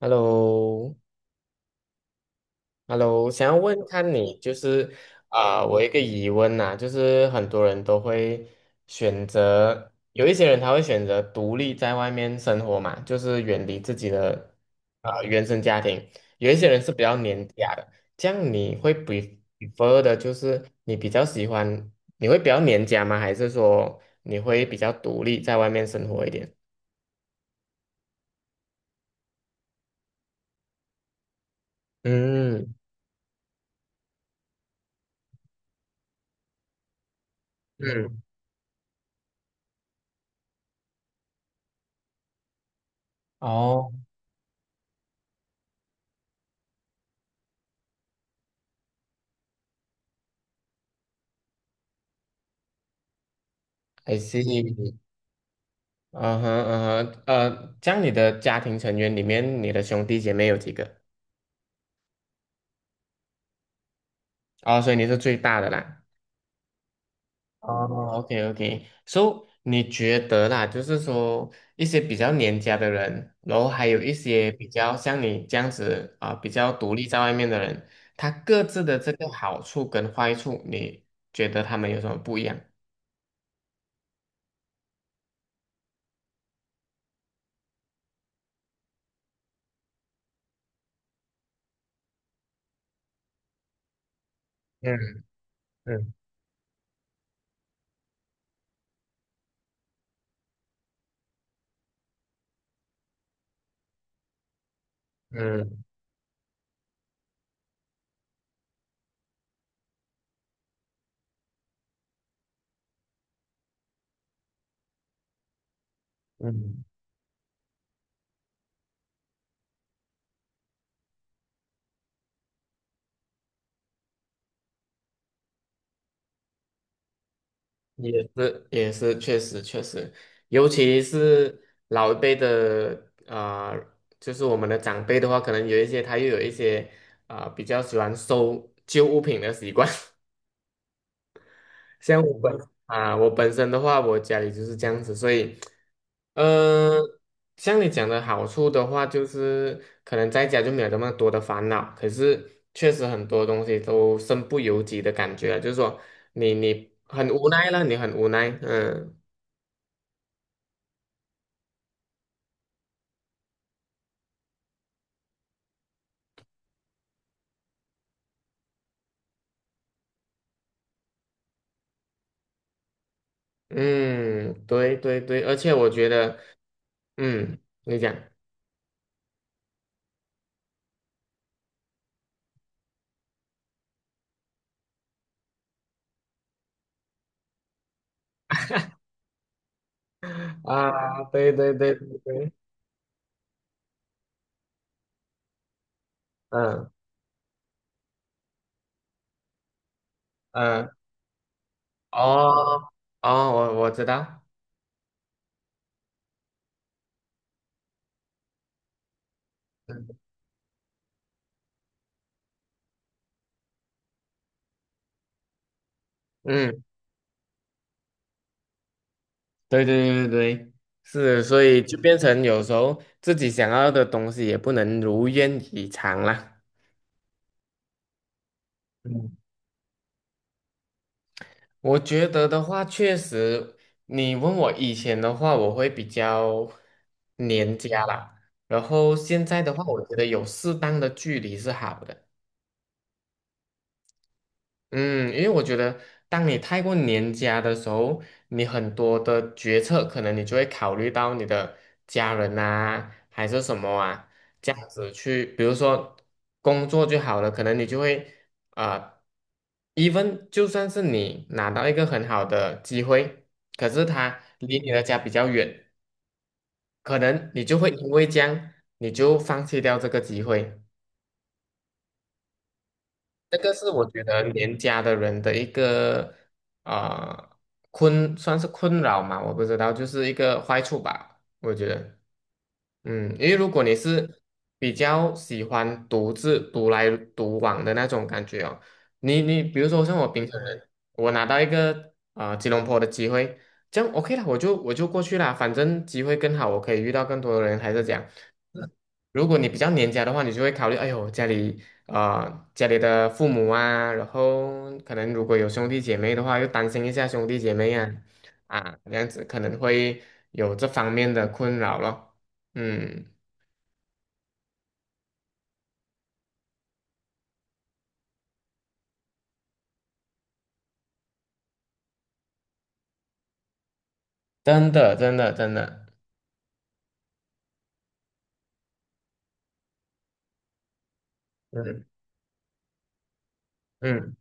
Hello，Hello，想要问看你就是我一个疑问呐，就是很多人都会选择，有一些人他会选择独立在外面生活嘛，就是远离自己的原生家庭，有一些人是比较黏家的，这样你会比 prefer 的就是你比较喜欢，你会比较黏家吗？还是说你会比较独立在外面生活一点？嗯嗯，哦，I see。嗯哼嗯哼，这样你的家庭成员里面，你的兄弟姐妹有几个？哦，所以你是最大的啦。哦，OK OK。So，你觉得啦，就是说一些比较黏家的人，然后还有一些比较像你这样子比较独立在外面的人，他各自的这个好处跟坏处，你觉得他们有什么不一样？嗯嗯嗯嗯。也是也是确实确实，尤其是老一辈的就是我们的长辈的话，可能有一些他又有一些比较喜欢收旧物品的习惯。像我本啊、我本身的话，我家里就是这样子，所以呃，像你讲的好处的话，就是可能在家就没有那么多的烦恼，可是确实很多东西都身不由己的感觉啊就是说你很无奈了，你很无奈，嗯。嗯，对对对，而且我觉得，嗯，你讲啊，对对对对对，嗯嗯，哦哦，我知道，嗯，对对对对对，是，所以就变成有时候自己想要的东西也不能如愿以偿啦。嗯，我觉得的话，确实，你问我以前的话，我会比较黏家啦，然后现在的话，我觉得有适当的距离是好的。嗯，因为我觉得，当你太过年家的时候，你很多的决策可能你就会考虑到你的家人啊，还是什么啊，这样子去，比如说工作就好了，可能你就会啊、even 就算是你拿到一个很好的机会，可是它离你的家比较远，可能你就会因为这样，你就放弃掉这个机会。这个是我觉得年家的人的一个啊、算是困扰嘛，我不知道，就是一个坏处吧，我觉得，嗯，因为如果你是比较喜欢独来独往的那种感觉哦，你比如说像我平常人，我拿到一个吉隆坡的机会，这样 OK 了，我就过去啦，反正机会更好，我可以遇到更多的人，还是这样。如果你比较黏家的话，你就会考虑，哎呦，家里家里的父母啊，然后可能如果有兄弟姐妹的话，又担心一下兄弟姐妹啊，啊，这样子可能会有这方面的困扰咯。嗯，真的，真的，真的，嗯嗯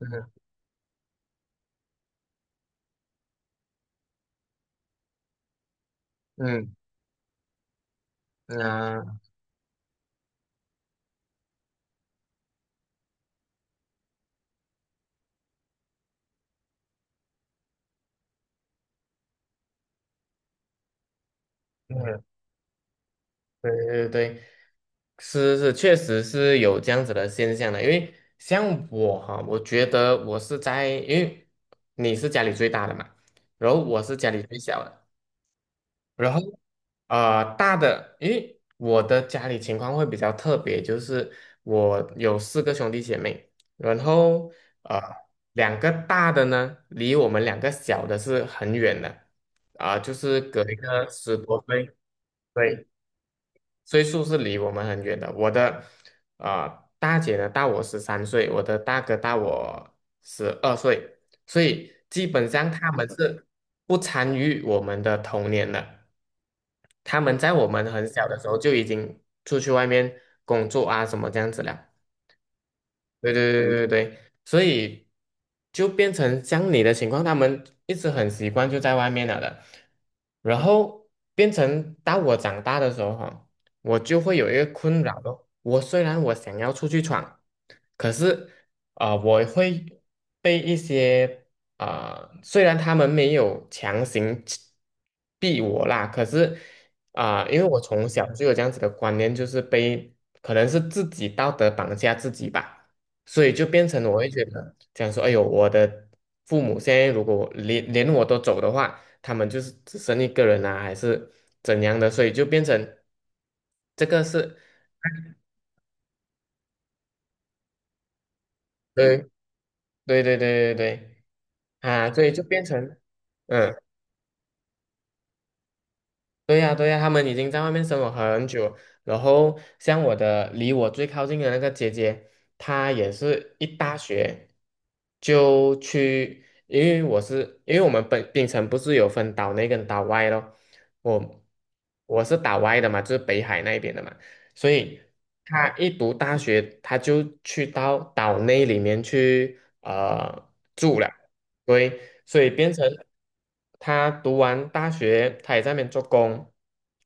嗯嗯嗯啊，嗯，对对对。是是，确实是有这样子的现象的。因为像我哈，我觉得我是在，因为你是家里最大的嘛，然后我是家里最小的，然后大的，因为我的家里情况会比较特别，就是我有4个兄弟姐妹，然后呃两个大的呢，离我们两个小的是很远的，就是隔一个10多岁。对，岁数是离我们很远的。我的大姐呢大我13岁，我的大哥大我12岁，所以基本上他们是不参与我们的童年的。他们在我们很小的时候就已经出去外面工作啊什么这样子了。对对对对对，所以就变成像你的情况，他们一直很习惯就在外面了的，然后变成到我长大的时候哈，我就会有一个困扰咯。虽然我想要出去闯，可是我会被一些虽然他们没有强行逼我啦，可是因为我从小就有这样子的观念，就是可能是自己道德绑架自己吧。所以就变成我会觉得，讲说，哎呦，我的父母现在如果我连我都走的话，他们就是只剩一个人啊，还是怎样的，所以就变成这个是，对对对对对对啊，所以就变成，嗯。对呀，对呀，他们已经在外面生活很久，然后像我的离我最靠近的那个姐姐，她也是一大学就去，因为我们本槟城不是有分岛内跟岛外咯，我我是岛外的嘛，就是北海那边的嘛，所以她一读大学，她就去到岛内里面去住了，对，所以变成他读完大学，他也在那边做工，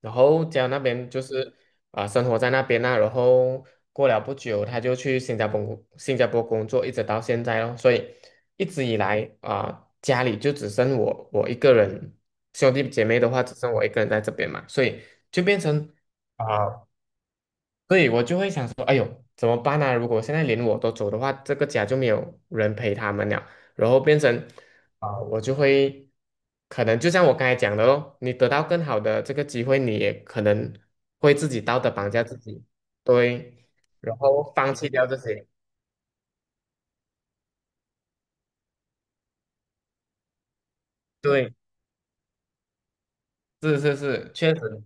然后家那边就是生活在那边呐，然后过了不久，他就去新加坡工作，一直到现在咯。所以一直以来家里就只剩我一个人，兄弟姐妹的话只剩我一个人在这边嘛，所以就变成。啊。所以我就会想说，哎呦，怎么办呢，如果现在连我都走的话，这个家就没有人陪他们了，然后变成，啊，我就会，可能就像我刚才讲的咯，你得到更好的这个机会，你也可能会自己道德绑架自己，对，然后放弃掉这些，对，是是是，确实，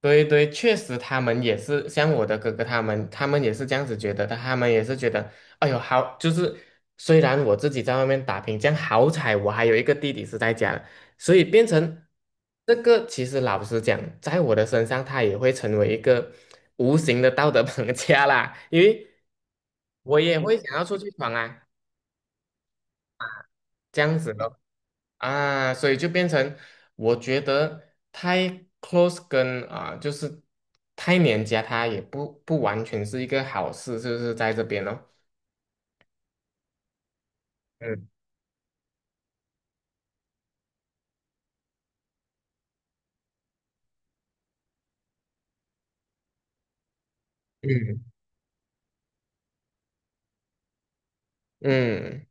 对对，确实他们也是像我的哥哥他们，他们也是这样子觉得的，他们也是觉得，哎呦，好，就是虽然我自己在外面打拼，这样好彩我还有一个弟弟是在家的，所以变成这个，其实老实讲，在我的身上，他也会成为一个无形的道德绑架啦，因为我也会想要出去闯啊，这样子咯。啊，所以就变成我觉得太 close 跟就是太黏家，它也不完全是一个好事，是不是在这边哦。嗯嗯嗯，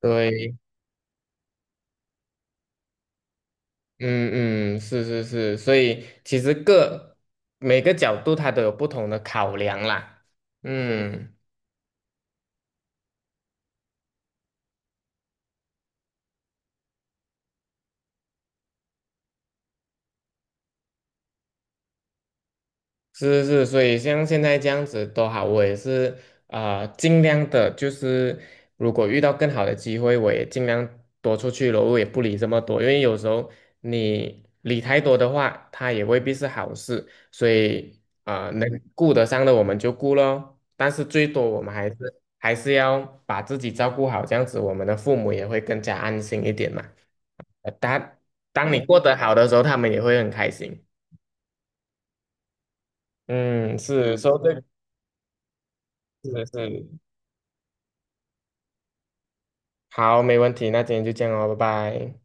对，嗯嗯，是是是，所以其实每个角度它都有不同的考量啦。嗯。是是，是，所以像现在这样子都好，我也是尽量的，就是如果遇到更好的机会，我也尽量多出去咯。我也不理这么多，因为有时候你理太多的话，它也未必是好事，所以能顾得上的我们就顾咯，但是最多我们还是要把自己照顾好，这样子我们的父母也会更加安心一点嘛。呃，当当你过得好的时候，他们也会很开心。嗯，是，嗯说对，是是，好，没问题，那今天就这样哦，拜拜。